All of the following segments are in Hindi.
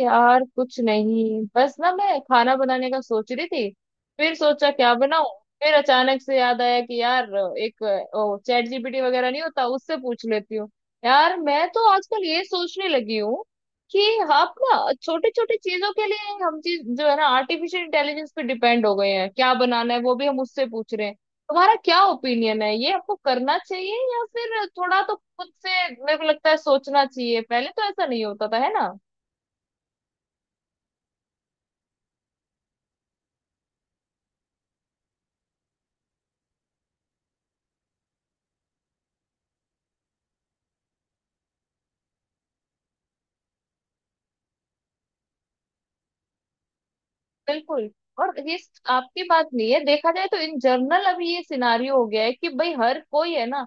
यार कुछ नहीं, बस ना मैं खाना बनाने का सोच रही थी। फिर सोचा क्या बनाऊं। फिर अचानक से याद आया कि यार एक चैट जीपीटी वगैरह नहीं होता, उससे पूछ लेती हूँ। यार मैं तो आजकल ये सोचने लगी हूँ कि आप ना छोटी छोटी चीजों के लिए, हम चीज जो है ना, आर्टिफिशियल इंटेलिजेंस पे डिपेंड हो गए हैं। क्या बनाना है वो भी हम उससे पूछ रहे हैं। तुम्हारा क्या ओपिनियन है, ये आपको करना चाहिए या फिर थोड़ा तो खुद से, मेरे को लगता है, सोचना चाहिए। पहले तो ऐसा नहीं होता था, है ना। बिल्कुल। और ये आपकी बात नहीं है, देखा जाए तो इन जनरल अभी ये सिनारियो हो गया है कि भाई हर कोई, है ना,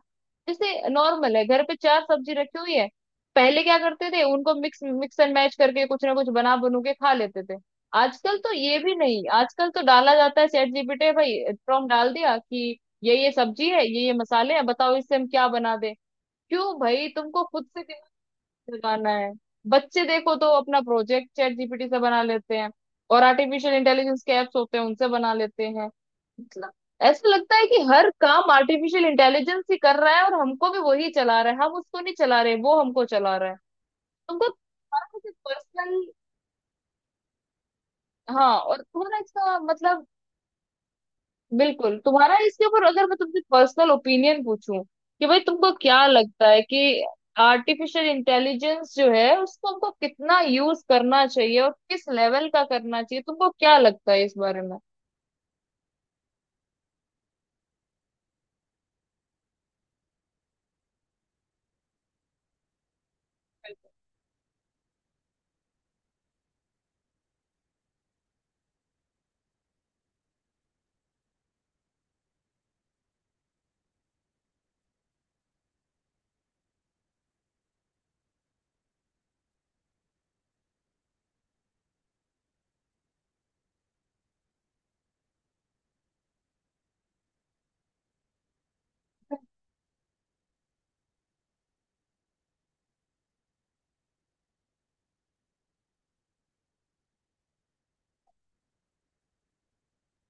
जैसे नॉर्मल है, घर पे चार सब्जी रखी हुई है। पहले क्या करते थे, उनको मिक्स मिक्स एंड मैच करके कुछ ना कुछ बना बनू के खा लेते थे। आजकल तो ये भी नहीं, आजकल तो डाला जाता है चैट जीपीटी, भाई प्रॉम्प्ट डाल दिया कि ये सब्जी है, ये मसाले हैं, बताओ इससे हम क्या बना दें। क्यों भाई, तुमको खुद से लगाना है। बच्चे देखो तो अपना प्रोजेक्ट चैट जीपीटी से बना लेते हैं, और आर्टिफिशियल इंटेलिजेंस के ऐप्स होते हैं उनसे बना लेते हैं। मतलब ऐसा लगता है कि हर काम आर्टिफिशियल इंटेलिजेंस ही कर रहा है, और हमको भी वही चला रहा है। हम उसको नहीं चला रहे, वो हमको चला रहा है। हमको थोड़ा सा पर्सनल। हाँ, और थोड़ा इसका मतलब, बिल्कुल। तुम्हारा इसके ऊपर, अगर मैं तुमसे पर्सनल ओपिनियन पूछूं कि भाई तुमको क्या लगता है कि आर्टिफिशियल इंटेलिजेंस जो है उसको हमको कितना यूज करना चाहिए, और किस लेवल का करना चाहिए, तुमको क्या लगता है इस बारे में?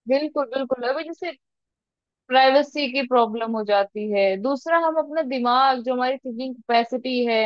बिल्कुल, बिल्कुल। अभी जैसे प्राइवेसी की प्रॉब्लम हो जाती है, दूसरा हम अपना दिमाग, जो हमारी थिंकिंग कैपेसिटी है,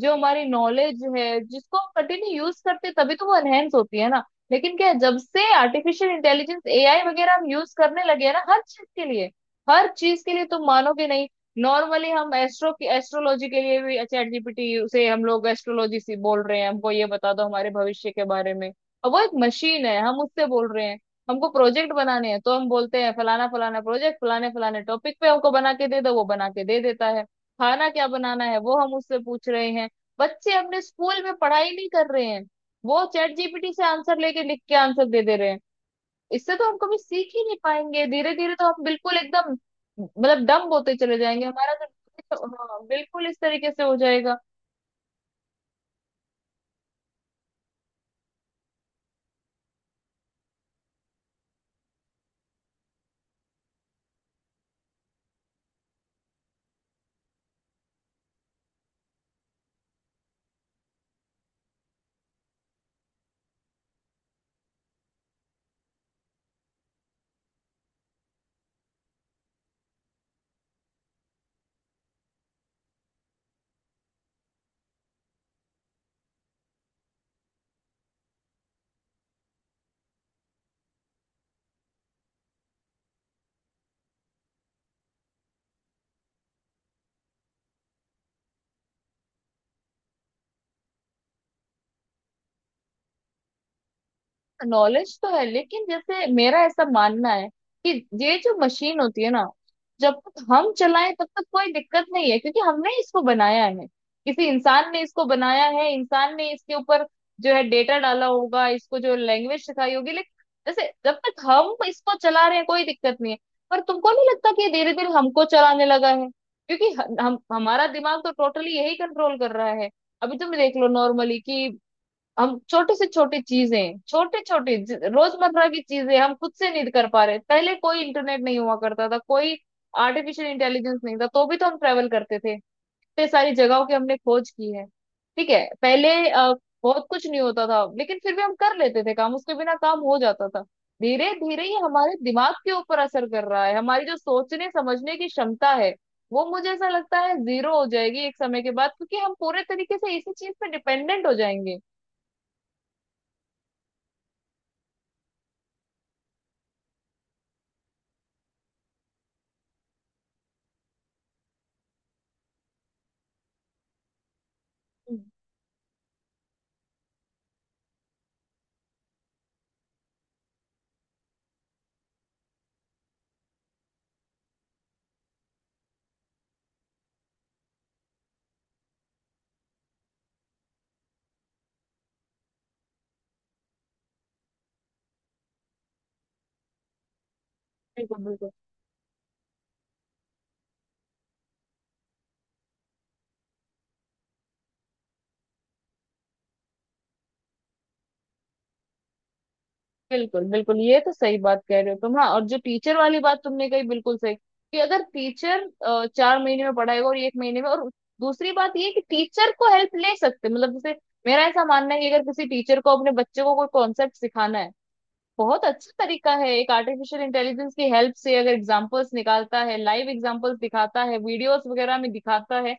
जो हमारी नॉलेज है, जिसको हम कंटिन्यू यूज करते हैं, तभी तो वो एनहेंस होती है ना। लेकिन क्या है, जब से आर्टिफिशियल इंटेलिजेंस, एआई वगैरह हम यूज करने लगे हैं ना, हर चीज के लिए, हर चीज के लिए, तुम मानोगे नहीं, नॉर्मली हम एस्ट्रोलॉजी के लिए भी चैट जीपीटी से, हम लोग एस्ट्रोलॉजी से बोल रहे हैं, हमको ये बता दो हमारे भविष्य के बारे में। और वो एक मशीन है, हम उससे बोल रहे हैं। हमको प्रोजेक्ट बनाने हैं तो हम बोलते हैं फलाना फलाना प्रोजेक्ट, फलाने फलाने टॉपिक पे हमको बना के दे दो, वो बना के दे देता है। खाना क्या बनाना है वो हम उससे पूछ रहे हैं। बच्चे अपने स्कूल में पढ़ाई नहीं कर रहे हैं, वो चैट जीपीटी से आंसर लेके, लिख के आंसर दे दे रहे हैं। इससे तो हम कभी सीख ही नहीं पाएंगे। धीरे धीरे तो हम बिल्कुल एकदम, मतलब डम होते चले जाएंगे हमारा। तो हाँ, बिल्कुल इस तरीके से हो जाएगा। नॉलेज तो है, लेकिन जैसे मेरा ऐसा मानना है कि ये जो मशीन होती है ना, जब तक हम चलाएं तब तक कोई दिक्कत नहीं है, क्योंकि हमने इसको बनाया है, किसी इंसान ने इसको बनाया है। इंसान ने इसके ऊपर जो है डेटा डाला होगा, इसको जो लैंग्वेज सिखाई होगी, लेकिन जैसे जब तक हम इसको चला रहे हैं कोई दिक्कत नहीं है। पर तुमको नहीं लगता कि धीरे धीरे हमको चलाने लगा है, क्योंकि हमारा दिमाग तो टोटली यही कंट्रोल कर रहा है। अभी तुम देख लो, नॉर्मली कि हम छोटे से छोटे चीजें, छोटे छोटे रोजमर्रा की चीजें हम खुद से नहीं कर पा रहे। पहले कोई इंटरनेट नहीं हुआ करता था, कोई आर्टिफिशियल इंटेलिजेंस नहीं था, तो भी तो हम ट्रेवल करते थे। इतने सारी जगहों की हमने खोज की है। ठीक है, पहले बहुत कुछ नहीं होता था, लेकिन फिर भी हम कर लेते थे, काम उसके बिना काम हो जाता था। धीरे धीरे ही हमारे दिमाग के ऊपर असर कर रहा है, हमारी जो सोचने समझने की क्षमता है वो, मुझे ऐसा लगता है, जीरो हो जाएगी एक समय के बाद, क्योंकि हम पूरे तरीके से इसी चीज पे डिपेंडेंट हो जाएंगे। बिल्कुल, बिल्कुल, बिल्कुल, बिल्कुल, ये तो सही बात कह रहे हो तुम। हाँ, और जो टीचर वाली बात तुमने कही, बिल्कुल सही, कि अगर टीचर 4 महीने में पढ़ाएगा, और 1 महीने में, और दूसरी बात ये कि टीचर को हेल्प ले सकते हैं। मतलब जैसे मेरा ऐसा मानना है कि अगर किसी टीचर को अपने बच्चे को कोई कॉन्सेप्ट सिखाना है, बहुत अच्छा तरीका है एक, आर्टिफिशियल इंटेलिजेंस की हेल्प से अगर एग्जांपल्स निकालता है, लाइव एग्जांपल्स दिखाता है, वीडियोस वगैरह में दिखाता है,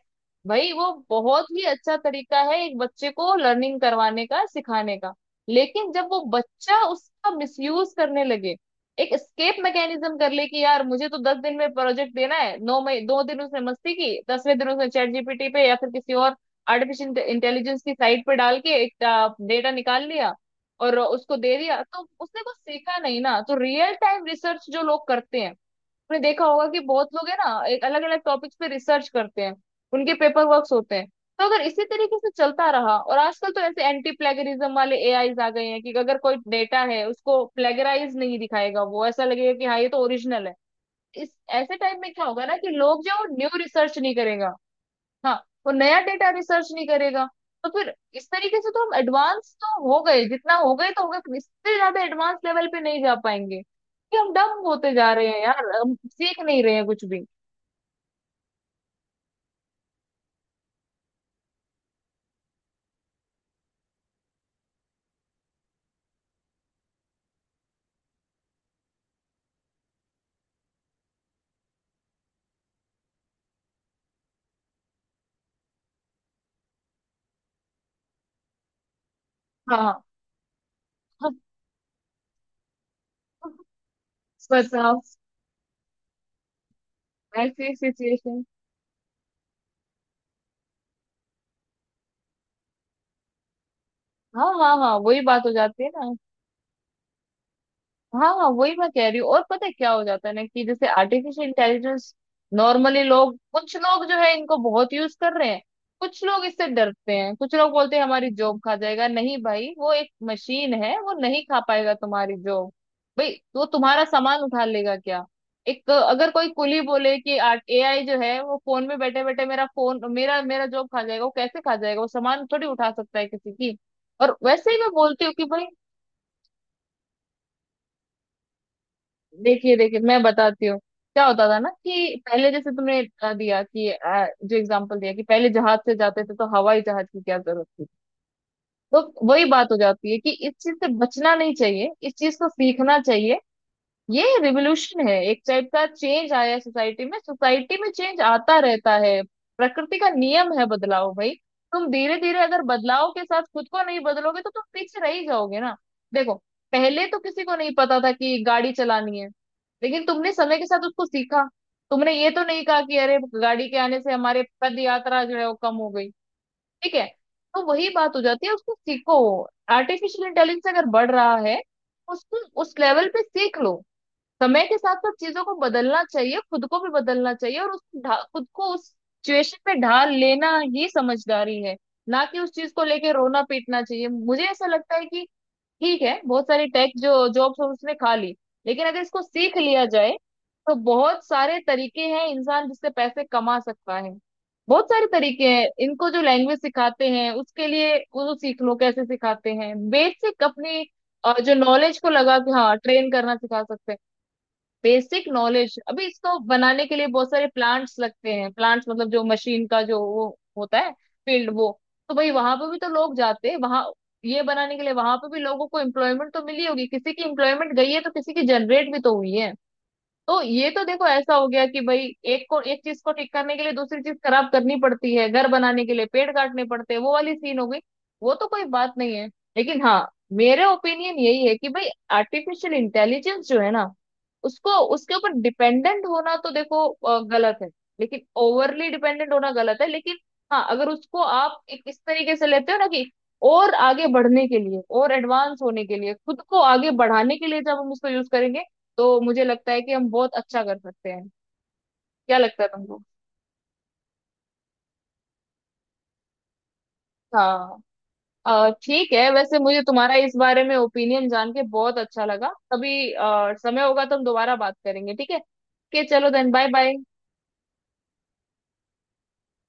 भाई वो बहुत ही अच्छा तरीका है एक बच्चे को लर्निंग करवाने का, सिखाने का। लेकिन जब वो बच्चा उसका मिसयूज करने लगे, एक स्केप मैकेनिज्म कर ले कि यार मुझे तो 10 दिन में प्रोजेक्ट देना है, नौ मई दो दिन उसने मस्ती की, 10वें दिन उसने चैट जीपीटी पे या फिर किसी और आर्टिफिशियल इंटेलिजेंस की साइट पे डाल के एक डेटा निकाल लिया और उसको दे दिया, तो उसने कुछ सीखा नहीं ना। तो रियल टाइम रिसर्च जो लोग करते हैं, आपने देखा होगा कि बहुत लोग है ना एक, अलग अलग टॉपिक्स पे रिसर्च करते हैं, उनके पेपर वर्क्स होते हैं। तो अगर इसी तरीके से चलता रहा, और आजकल तो ऐसे एंटी प्लेगरिज्म वाले एआईज आ गए हैं कि अगर कोई डेटा है उसको प्लेगराइज नहीं दिखाएगा, वो ऐसा लगेगा कि हाँ ये तो ओरिजिनल है। इस ऐसे टाइम में क्या होगा ना कि लोग जो न्यू रिसर्च नहीं करेगा। हाँ, वो नया डेटा रिसर्च नहीं करेगा। तो फिर इस तरीके से तो हम एडवांस तो हो गए जितना हो गए तो हो गए, पर इससे ज्यादा एडवांस लेवल पे नहीं जा पाएंगे, कि हम डम होते जा रहे हैं यार, हम सीख नहीं रहे हैं कुछ भी। हाँ। बताओ। ऐसी सिचुएशन। हाँ, हाँ, हाँ, वही बात हो जाती है ना। हाँ, हाँ, वही मैं कह रही हूँ। और पता है क्या हो जाता है ना कि जैसे आर्टिफिशियल इंटेलिजेंस, नॉर्मली लोग, कुछ लोग जो है इनको बहुत यूज कर रहे हैं, कुछ लोग इससे डरते हैं, कुछ लोग बोलते हैं हमारी जॉब खा जाएगा। नहीं भाई, वो एक मशीन है, वो नहीं खा पाएगा तुम्हारी जॉब। भाई वो तुम्हारा सामान उठा लेगा क्या? एक अगर कोई कुली बोले कि एआई जो है वो फोन में बैठे बैठे मेरा फोन, मेरा मेरा जॉब खा जाएगा, वो कैसे खा जाएगा? वो सामान थोड़ी उठा सकता है किसी की। और वैसे ही मैं बोलती हूँ कि भाई, देखिए, देखिए, मैं बताती हूँ क्या होता था ना कि पहले जैसे तुमने दिया कि जो एग्जांपल दिया कि पहले जहाज से जाते थे, तो हवाई जहाज की क्या जरूरत थी। तो वही बात हो जाती है, कि इस चीज से बचना नहीं चाहिए, इस चीज को सीखना चाहिए। ये रिवोल्यूशन है, एक टाइप का चेंज आया है सोसाइटी में। सोसाइटी में चेंज आता रहता है, प्रकृति का नियम है बदलाव भाई। तुम धीरे धीरे अगर बदलाव के साथ खुद को नहीं बदलोगे, तो तुम पीछे रह ही जाओगे ना। देखो, पहले तो किसी को नहीं पता था कि गाड़ी चलानी है, लेकिन तुमने समय के साथ उसको सीखा। तुमने ये तो नहीं कहा कि अरे गाड़ी के आने से हमारे पद यात्रा जो है वो कम हो गई। ठीक है, तो वही बात हो जाती है, उसको सीखो। आर्टिफिशियल इंटेलिजेंस अगर बढ़ रहा है, उसको उस लेवल पे सीख लो। समय के साथ साथ चीजों को बदलना चाहिए, खुद को भी बदलना चाहिए, और खुद को उस सिचुएशन में ढाल लेना ही समझदारी है। ना कि उस चीज को लेके रोना पीटना चाहिए। मुझे ऐसा लगता है कि ठीक है, बहुत सारी टेक जो जॉब्स उसने खा ली, लेकिन अगर इसको सीख लिया जाए, तो बहुत सारे तरीके हैं इंसान जिससे पैसे कमा सकता है। बहुत सारे तरीके हैं, इनको जो लैंग्वेज सिखाते हैं उसके लिए, वो तो सीख लो कैसे सिखाते हैं, बेसिक अपनी जो नॉलेज को लगा के, हाँ, ट्रेन करना सिखा सकते हैं। बेसिक नॉलेज, अभी इसको बनाने के लिए बहुत सारे प्लांट्स लगते हैं, प्लांट्स मतलब जो मशीन का जो वो होता है, फील्ड वो, तो भाई वहां पे भी तो लोग जाते हैं वहां, ये बनाने के लिए। वहां पे भी लोगों को एम्प्लॉयमेंट तो मिली होगी, किसी की एम्प्लॉयमेंट गई है तो किसी की जनरेट भी तो हुई है। तो ये तो देखो, ऐसा हो गया कि भाई एक को, एक चीज को ठीक करने के लिए दूसरी चीज खराब करनी पड़ती है, घर बनाने के लिए पेड़ काटने पड़ते हैं, वो वाली सीन हो गई। वो तो कोई बात नहीं है। लेकिन हाँ, मेरे ओपिनियन यही है कि भाई आर्टिफिशियल इंटेलिजेंस जो है ना, उसको, उसके ऊपर डिपेंडेंट होना तो देखो गलत है, लेकिन ओवरली डिपेंडेंट होना गलत है, लेकिन हाँ, अगर उसको आप एक इस तरीके से लेते हो ना कि और आगे बढ़ने के लिए, और एडवांस होने के लिए, खुद को आगे बढ़ाने के लिए जब हम उसको यूज करेंगे, तो मुझे लगता है कि हम बहुत अच्छा कर सकते हैं। क्या लगता है तुमको? हाँ। ठीक है, वैसे मुझे तुम्हारा इस बारे में ओपिनियन जान के बहुत अच्छा लगा। कभी समय होगा तो हम दोबारा बात करेंगे, ठीक है। के, चलो देन, बाय बाय।